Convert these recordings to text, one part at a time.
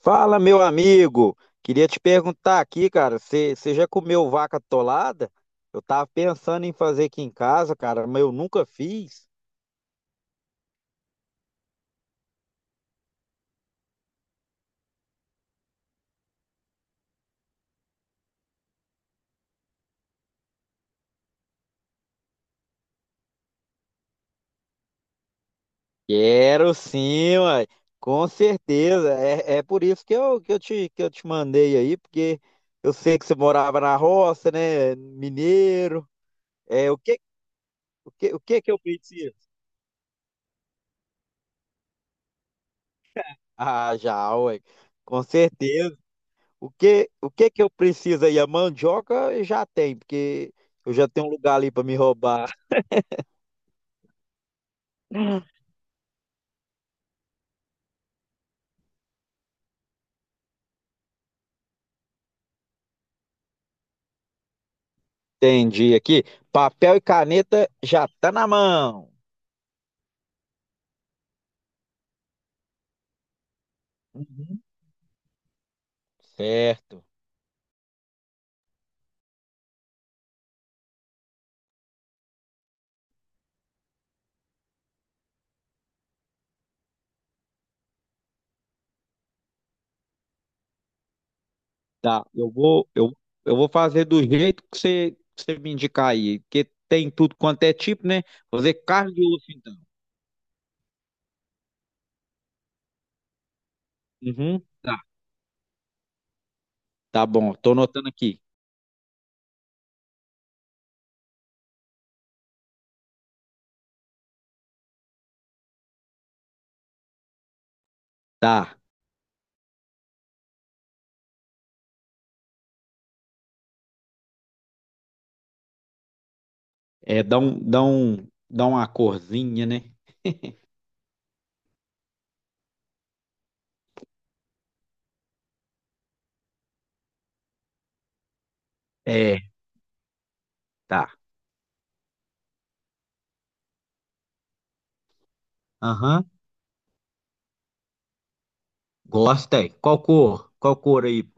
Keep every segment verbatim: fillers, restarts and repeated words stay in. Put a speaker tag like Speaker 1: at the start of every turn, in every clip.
Speaker 1: Fala, meu amigo. Queria te perguntar aqui, cara, você já comeu vaca atolada? Eu tava pensando em fazer aqui em casa, cara, mas eu nunca fiz. Quero sim, uai. Com certeza. É, é por isso que eu, que eu te, que eu te mandei aí, porque eu sei que você morava na roça, né? Mineiro. É, o que, o que, o que que eu preciso? Ah, já, ué. Com certeza. O que, o que que eu preciso aí? A mandioca já tem, porque eu já tenho um lugar ali para me roubar. Entendi aqui. Papel e caneta já tá na mão. Uhum. Certo. Tá, eu vou, eu, eu vou fazer do jeito que você, que você me indicar aí, porque tem tudo quanto é tipo, né? Vou fazer carne de osso, então. Uhum. Tá, tá bom, tô anotando aqui. Tá, é, dá um, dá um, dá uma corzinha, né? É, tá. Aham. Gosta, é. Qual cor? Qual cor aí?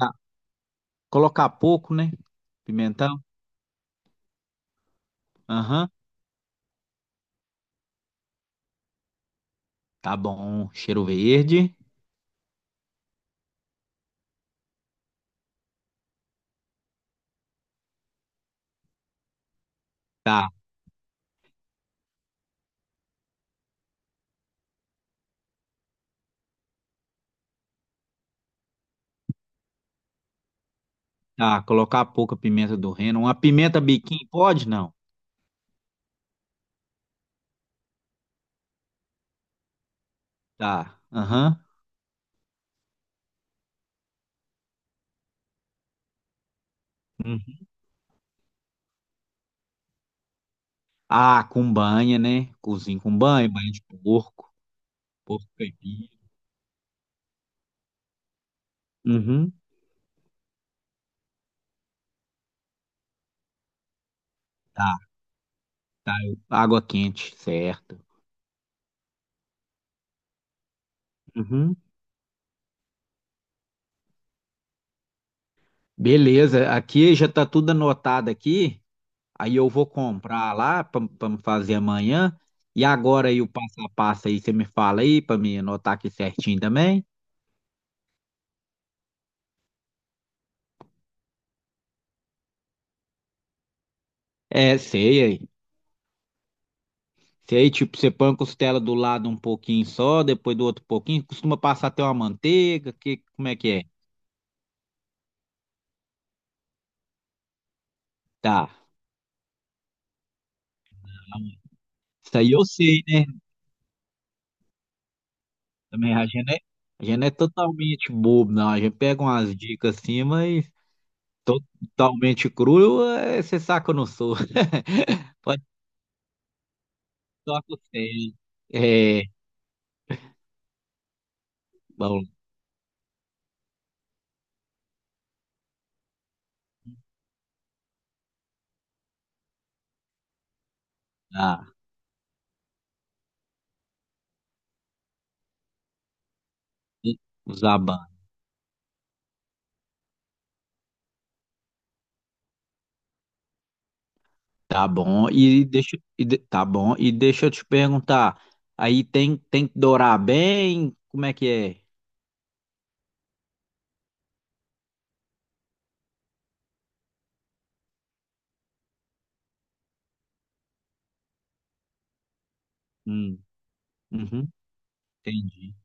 Speaker 1: Ah, colocar pouco, né? Pimentão? Aham. Tá bom. Cheiro verde. Tá, tá. Colocar pouca pimenta do reino. Uma pimenta biquinho, pode? Não. Tá. Aham. Uhum. Ah, com banha, né? Cozinho com banho, banho de porco. Porco caipira. Uhum. Tá, tá. Água quente, certo. Uhum. Beleza. Aqui já tá tudo anotado aqui. Aí eu vou comprar lá para me fazer amanhã. E agora aí o passo a passo aí, você me fala aí para me anotar aqui certinho também? É, sei aí. Sei, tipo, você põe a costela do lado um pouquinho só, depois do outro pouquinho, costuma passar até uma manteiga, que, como é que é? Tá. Isso aí eu sei, né? Também a gente não é, a gente não é totalmente bobo, não. A gente pega umas dicas assim, mas totalmente cru, é, você saca que eu não sou. Pode só costela. É, bom. Tá. E Zaban, tá bom. E deixa, e de- tá bom. E deixa eu te perguntar, aí tem tem que dourar bem? Como é que é? Hum, uhum, entendi.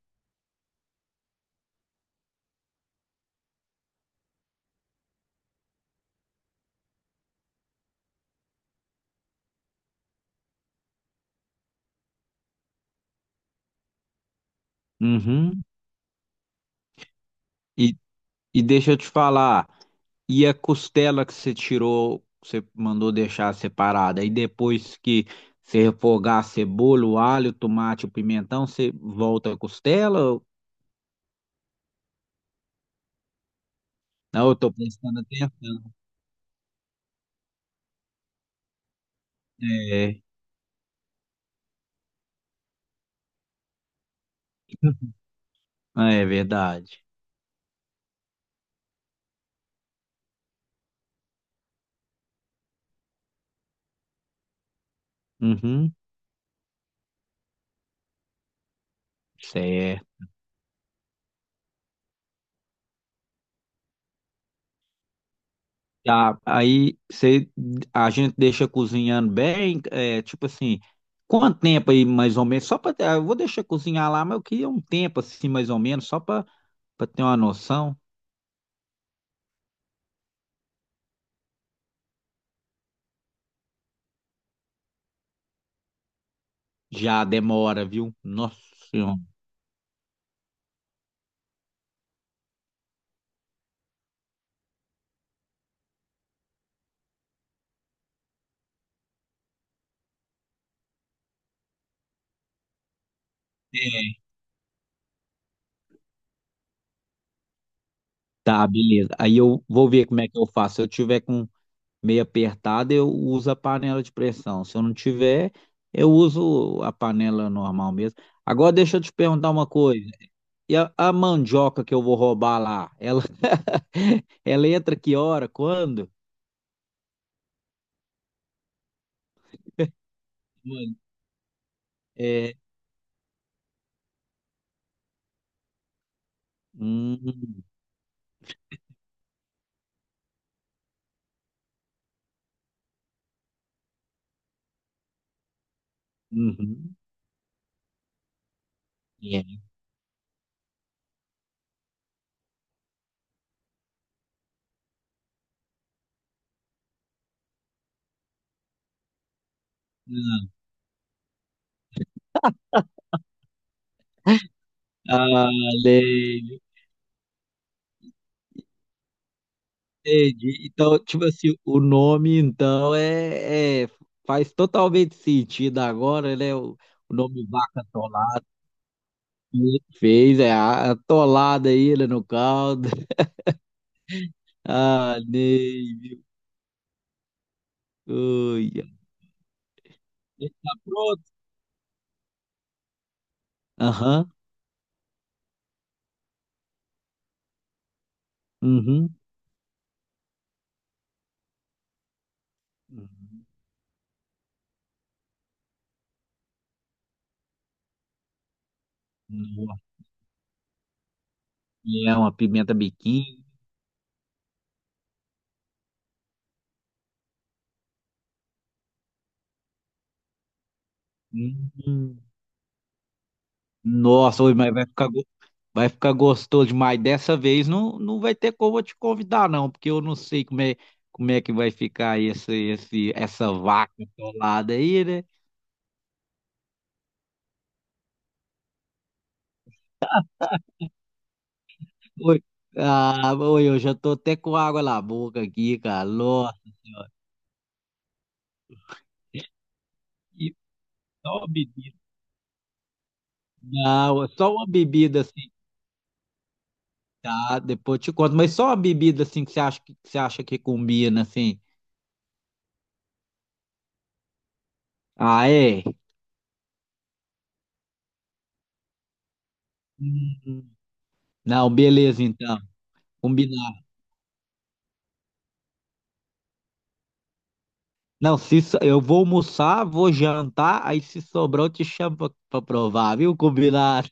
Speaker 1: Uhum. E, e deixa eu te falar, e a costela que você tirou, que você mandou deixar separada, aí depois que você refogar a cebola, o alho, o tomate, o pimentão, você volta a costela? Ou- Não, eu tô prestando atenção. É, é verdade. Uhum, certo. Tá, aí você, a gente deixa cozinhando bem, é, tipo assim, quanto tempo aí mais ou menos? Só para eu vou deixar cozinhar lá, mas eu queria um tempo assim mais ou menos, só para para ter uma noção. Já demora, viu? Nossa Senhora. É. Tá, beleza. Aí eu vou ver como é que eu faço. Se eu tiver com meio apertado, eu uso a panela de pressão. Se eu não tiver, eu uso a panela normal mesmo. Agora deixa eu te perguntar uma coisa. E a, a mandioca que eu vou roubar lá, ela, ela entra que hora? Quando? Mano, é. Hum, uhum, é. Ah, lei. Entendi. Então, tipo assim, o nome, então, é, é- faz totalmente sentido agora, né? O, o nome Vaca Atolada, né? Fez, é a atolada aí, né, no caldo. Ah, Ney, viu? Ui, tá pronto? Aham, uhum. Uhum. Nossa, é uma pimenta biquinho. Hum. Nossa, ui, mas vai ficar, go- vai ficar gostoso demais. Dessa vez não, não vai ter como eu te convidar, não, porque eu não sei como é, como é que vai ficar esse, esse, essa vaca atolada aí, né? Ui, ah, ui, eu já tô até com água na boca aqui, cara. Nossa Senhora. E só uma bebida. Não, só uma bebida assim, tá? Depois eu te conto, mas só uma bebida assim que você acha que, que você acha que combina, assim. Ah, é? Hum. Não, beleza então. Combinado. Não, se so- eu vou almoçar, vou jantar, aí se sobrar eu te chamo pra, pra provar, viu? Combinado.